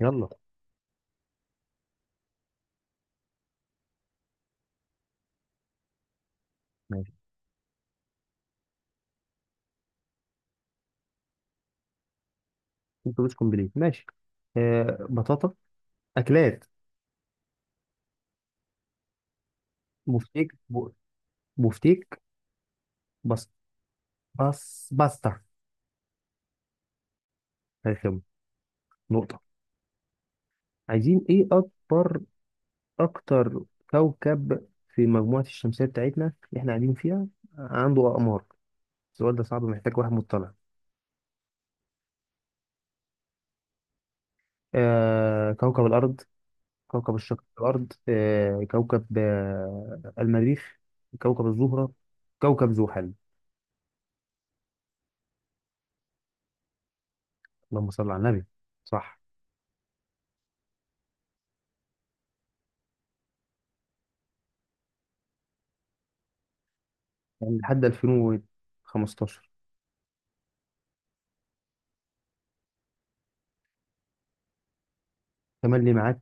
يلا، ماشي. انتوا مش كومبليت. ماشي، بطاطا، اكلات، بفتيك ب- بفتيك، بس بس باستا. رخم، نقطة. عايزين ايه؟ اكتر كوكب في مجموعة الشمسية بتاعتنا اللي احنا قاعدين فيها، عنده اقمار؟ السؤال ده صعب، محتاج واحد مطلع. كوكب الارض، كوكب الشق الارض، كوكب، المريخ، كوكب الزهرة، كوكب زحل. اللهم صل على النبي. صح. يعني لحد 2015. تملي معاك،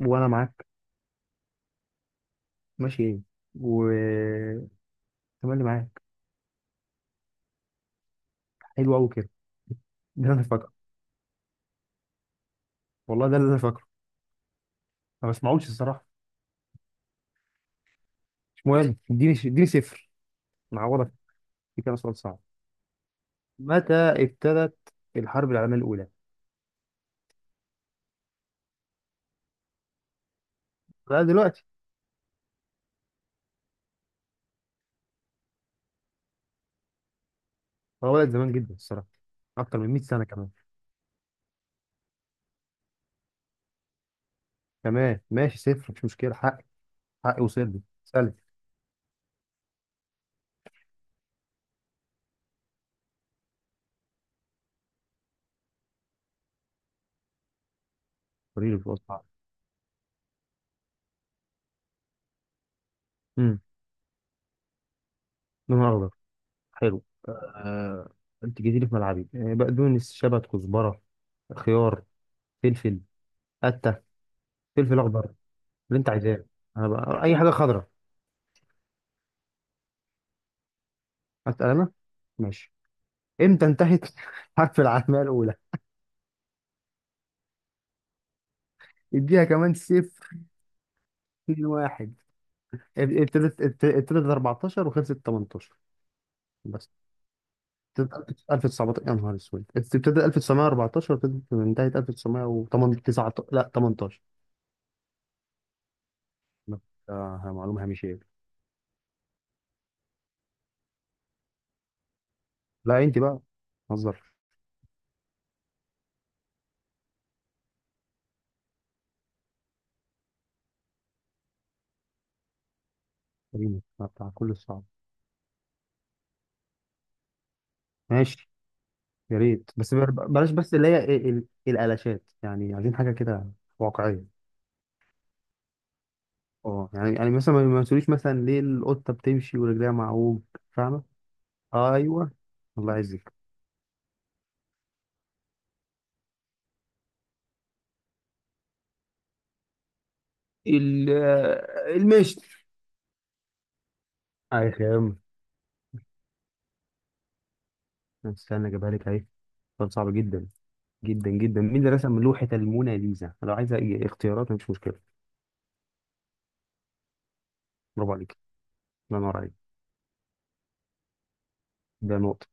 وانا معاك. ماشي، ايه؟ و تملي معاك. حلو قوي كده. ده اللي انا فاكره. والله ده اللي انا فاكره. ما بسمعوش الصراحه. مش مهم، اديني صفر. نعوضك، في كده سؤال صعب. متى ابتدت الحرب العالميه الاولى؟ لا دلوقتي. هو بدأت زمان جدا الصراحه، اكتر من 100 سنه كمان. تمام ماشي، صفر مش مشكله. حقي، حقي وصل لي سالت. فريق الفضاء، صعب. امم لون اخضر، حلو. آه، انت جيتي لي في ملعبي، بقدونس، شبت، كزبره، خيار، فلفل، قته، فلفل اخضر، اللي انت عايزاه. انا بقى اي حاجه خضراء. اسال انا. ماشي. امتى انتهت حرب العالميه الاولى؟ اديها كمان صفر. اتنين واحد. ابتدت 14 وخلصت 18. بس ابتدت 1919، يا نهار اسود، ابتدت 1914 وابتدت انتهت 1918. لا 18. معلومه هامشيه. لا انت بقى، هزر. كريمة بتاع كل الصعب. ماشي، يا ريت بلاش بس اللي هي الالاشات، يعني عايزين حاجه كده واقعيه. اه، يعني مثلا ما تقوليش مثلا ليه القطه بتمشي ورجليها معوج. فاهمه؟ ايوه. الله يعزك. المشت. اي خام. استنى اجيبها لك اهي. سؤال صعب جدا جدا جدا، مين اللي رسم لوحه الموناليزا؟ لو عايزه اختيارات، مفيش مشكله. برافو عليك، الله ينور عليك. ده نقطه.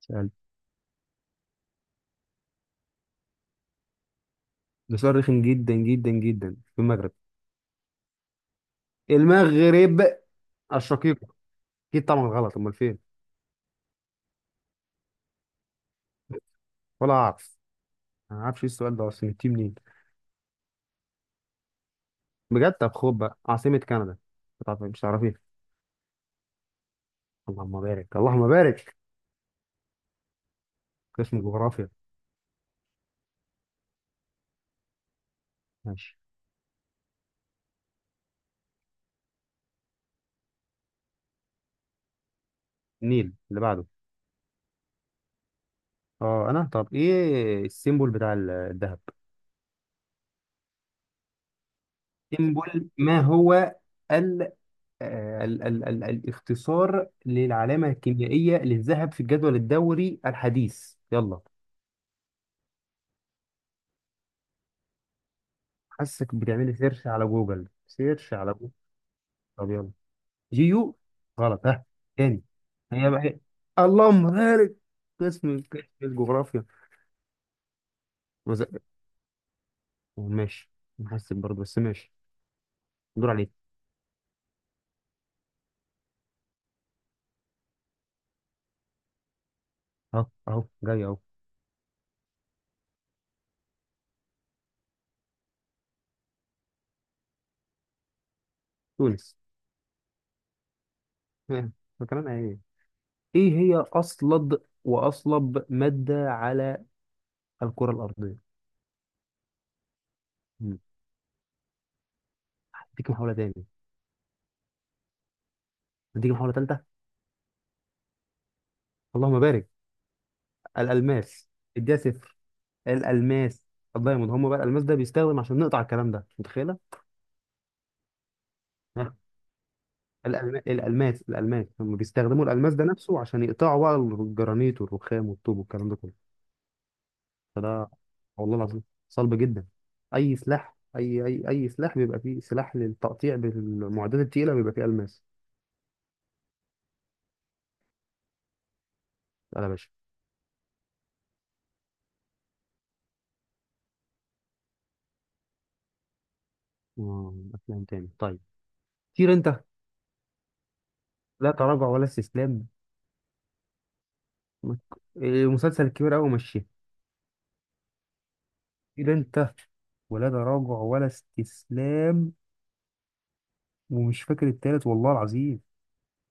سأل. ده سؤال رخم جدا جدا جدا. في المغرب. المغرب الشقيق. اكيد طبعا غلط، امال فين؟ ولا اعرف. انا ما اعرفش، ايه السؤال ده اصلا، جبتيه منين؟ بجد. طب خد بقى، عاصمة كندا. طب مش هتعرفيها. اللهم بارك، اللهم بارك. قسم جغرافيا. ماشي، النيل. اللي بعده؟ اه انا. طب ايه السيمبول بتاع الذهب؟ سيمبول، ما هو ال آه، ال ال ال الاختصار للعلامة الكيميائية للذهب في الجدول الدوري الحديث. يلا. حاسك بتعملي سيرش على جوجل، سيرش على جوجل. طب يلا. جيو. غلط. ها، تاني. هي بقى هي. اللهم بارك. قسم الجغرافيا. مز- ماشي، نحسب برضه بس، ماشي. دور عليك. اهو، اهو جاي اهو. تونس. ها، فكرنا ايه؟ ايه هي اصلب واصلب مادة على الكرة الارضية؟ مم. اديك محاولة تاني. اديك محاولة تالتة. اللهم بارك، الالماس. اديها صفر. الالماس، الدايموند هم بقى. الالماس ده بيستخدم عشان نقطع الكلام ده، متخيلة؟ الألماس هم بيستخدموا الألماس ده نفسه عشان يقطعوا بقى الجرانيت والرخام والطوب والكلام ده كله. فده، والله العظيم، صلب جدا. أي سلاح بيبقى فيه سلاح للتقطيع، بالمعدات التقيلة بيبقى فيه ألماس. لا يا باشا. أفلام تاني؟ طيب. طير أنت. لا تراجع ولا استسلام. مك- المسلسل الكبير أوي مشيه. طير أنت، ولا تراجع ولا استسلام. ومش فاكر التالت والله العظيم.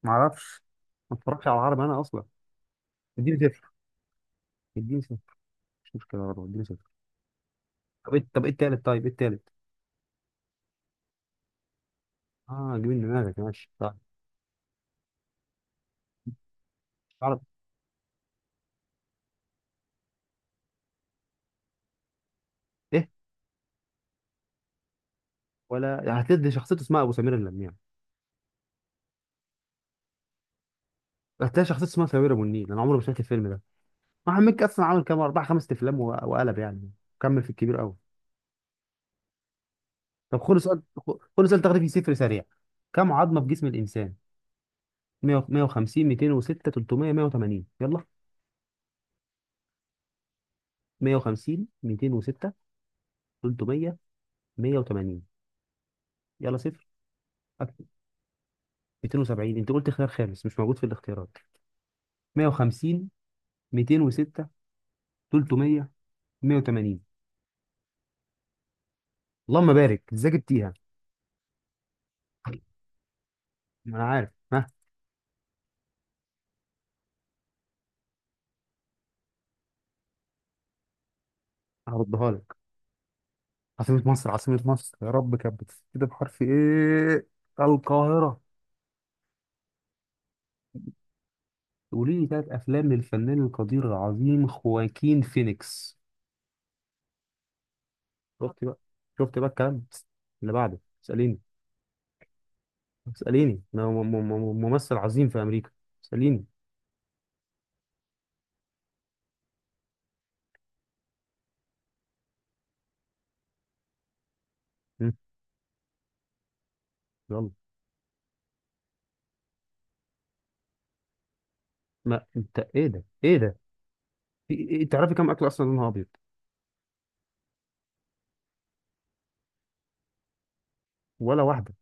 معرفش. ما اتفرجش على العربي أنا أصلا دي. اديني صفر. مش مشكلة برضه، اديني صفر. طب ايه، طب ايه التالت؟ طيب ايه التالت؟ اه، جيب من دماغك. ماشي طيب. تعرف ايه؟ ولا يعني هتلاقي شخصيته اسمها ابو سمير النمير. هتلاقي شخصيته اسمها سمير ابو النيل. انا عمري ما شفت الفيلم ده. احمد مكي اصلا عمل كام؟ اربع خمس افلام وقلب يعني. كمل في الكبير قوي. طب خد سؤال. خد سؤال تغريبي صفر سريع. كم عظمة في جسم الانسان؟ 100، 150، 206، 300، 180، يلا. 150، 206، 300، 180، يلا. صفر. أكتب. 270؟ انت قلت خيار خامس مش موجود في الاختيارات. 150، 206، 300، 180. اللهم بارك، ازاي جبتيها؟ ما انا عارف، ها. هردها لك. عاصمة مصر، عاصمة مصر، يا رب، كانت بتبتدي بحرف ايه؟ القاهرة. قولي لي ثلاث افلام للفنان القدير العظيم خواكين فينيكس. شفت بقى؟ شفت بقى الكلام؟ اللي بعده اسأليني. اسأليني أنا، ممثل عظيم في امريكا، اسأليني. مم. يلا. ما انت، ايه ده، ايه ده؟ تعرفي كم اكل اصلا لونها ابيض؟ ولا واحدة.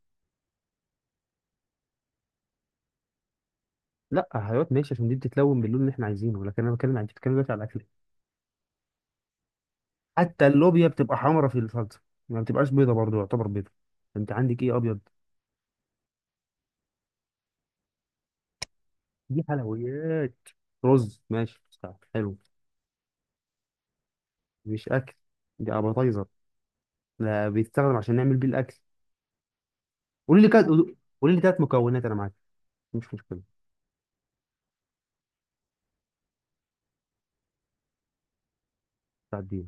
لا هيوت، ماشي، عشان دي بتتلون باللون اللي احنا عايزينه، لكن انا بتكلم عن، انت بتتكلم دلوقتي على الاكل. حتى اللوبيا بتبقى حمرا في الصلصه، ما بتبقاش بيضه، برضه يعتبر بيضه. انت عندك ايه ابيض؟ دي حلويات. رز، ماشي بتاع. حلو. مش اكل، دي ابيتايزر. لا، بيستخدم عشان نعمل بيه الاكل. قول لي كده، قول لي ثلاث مكونات انا معاك، مش مشكله. بتاع.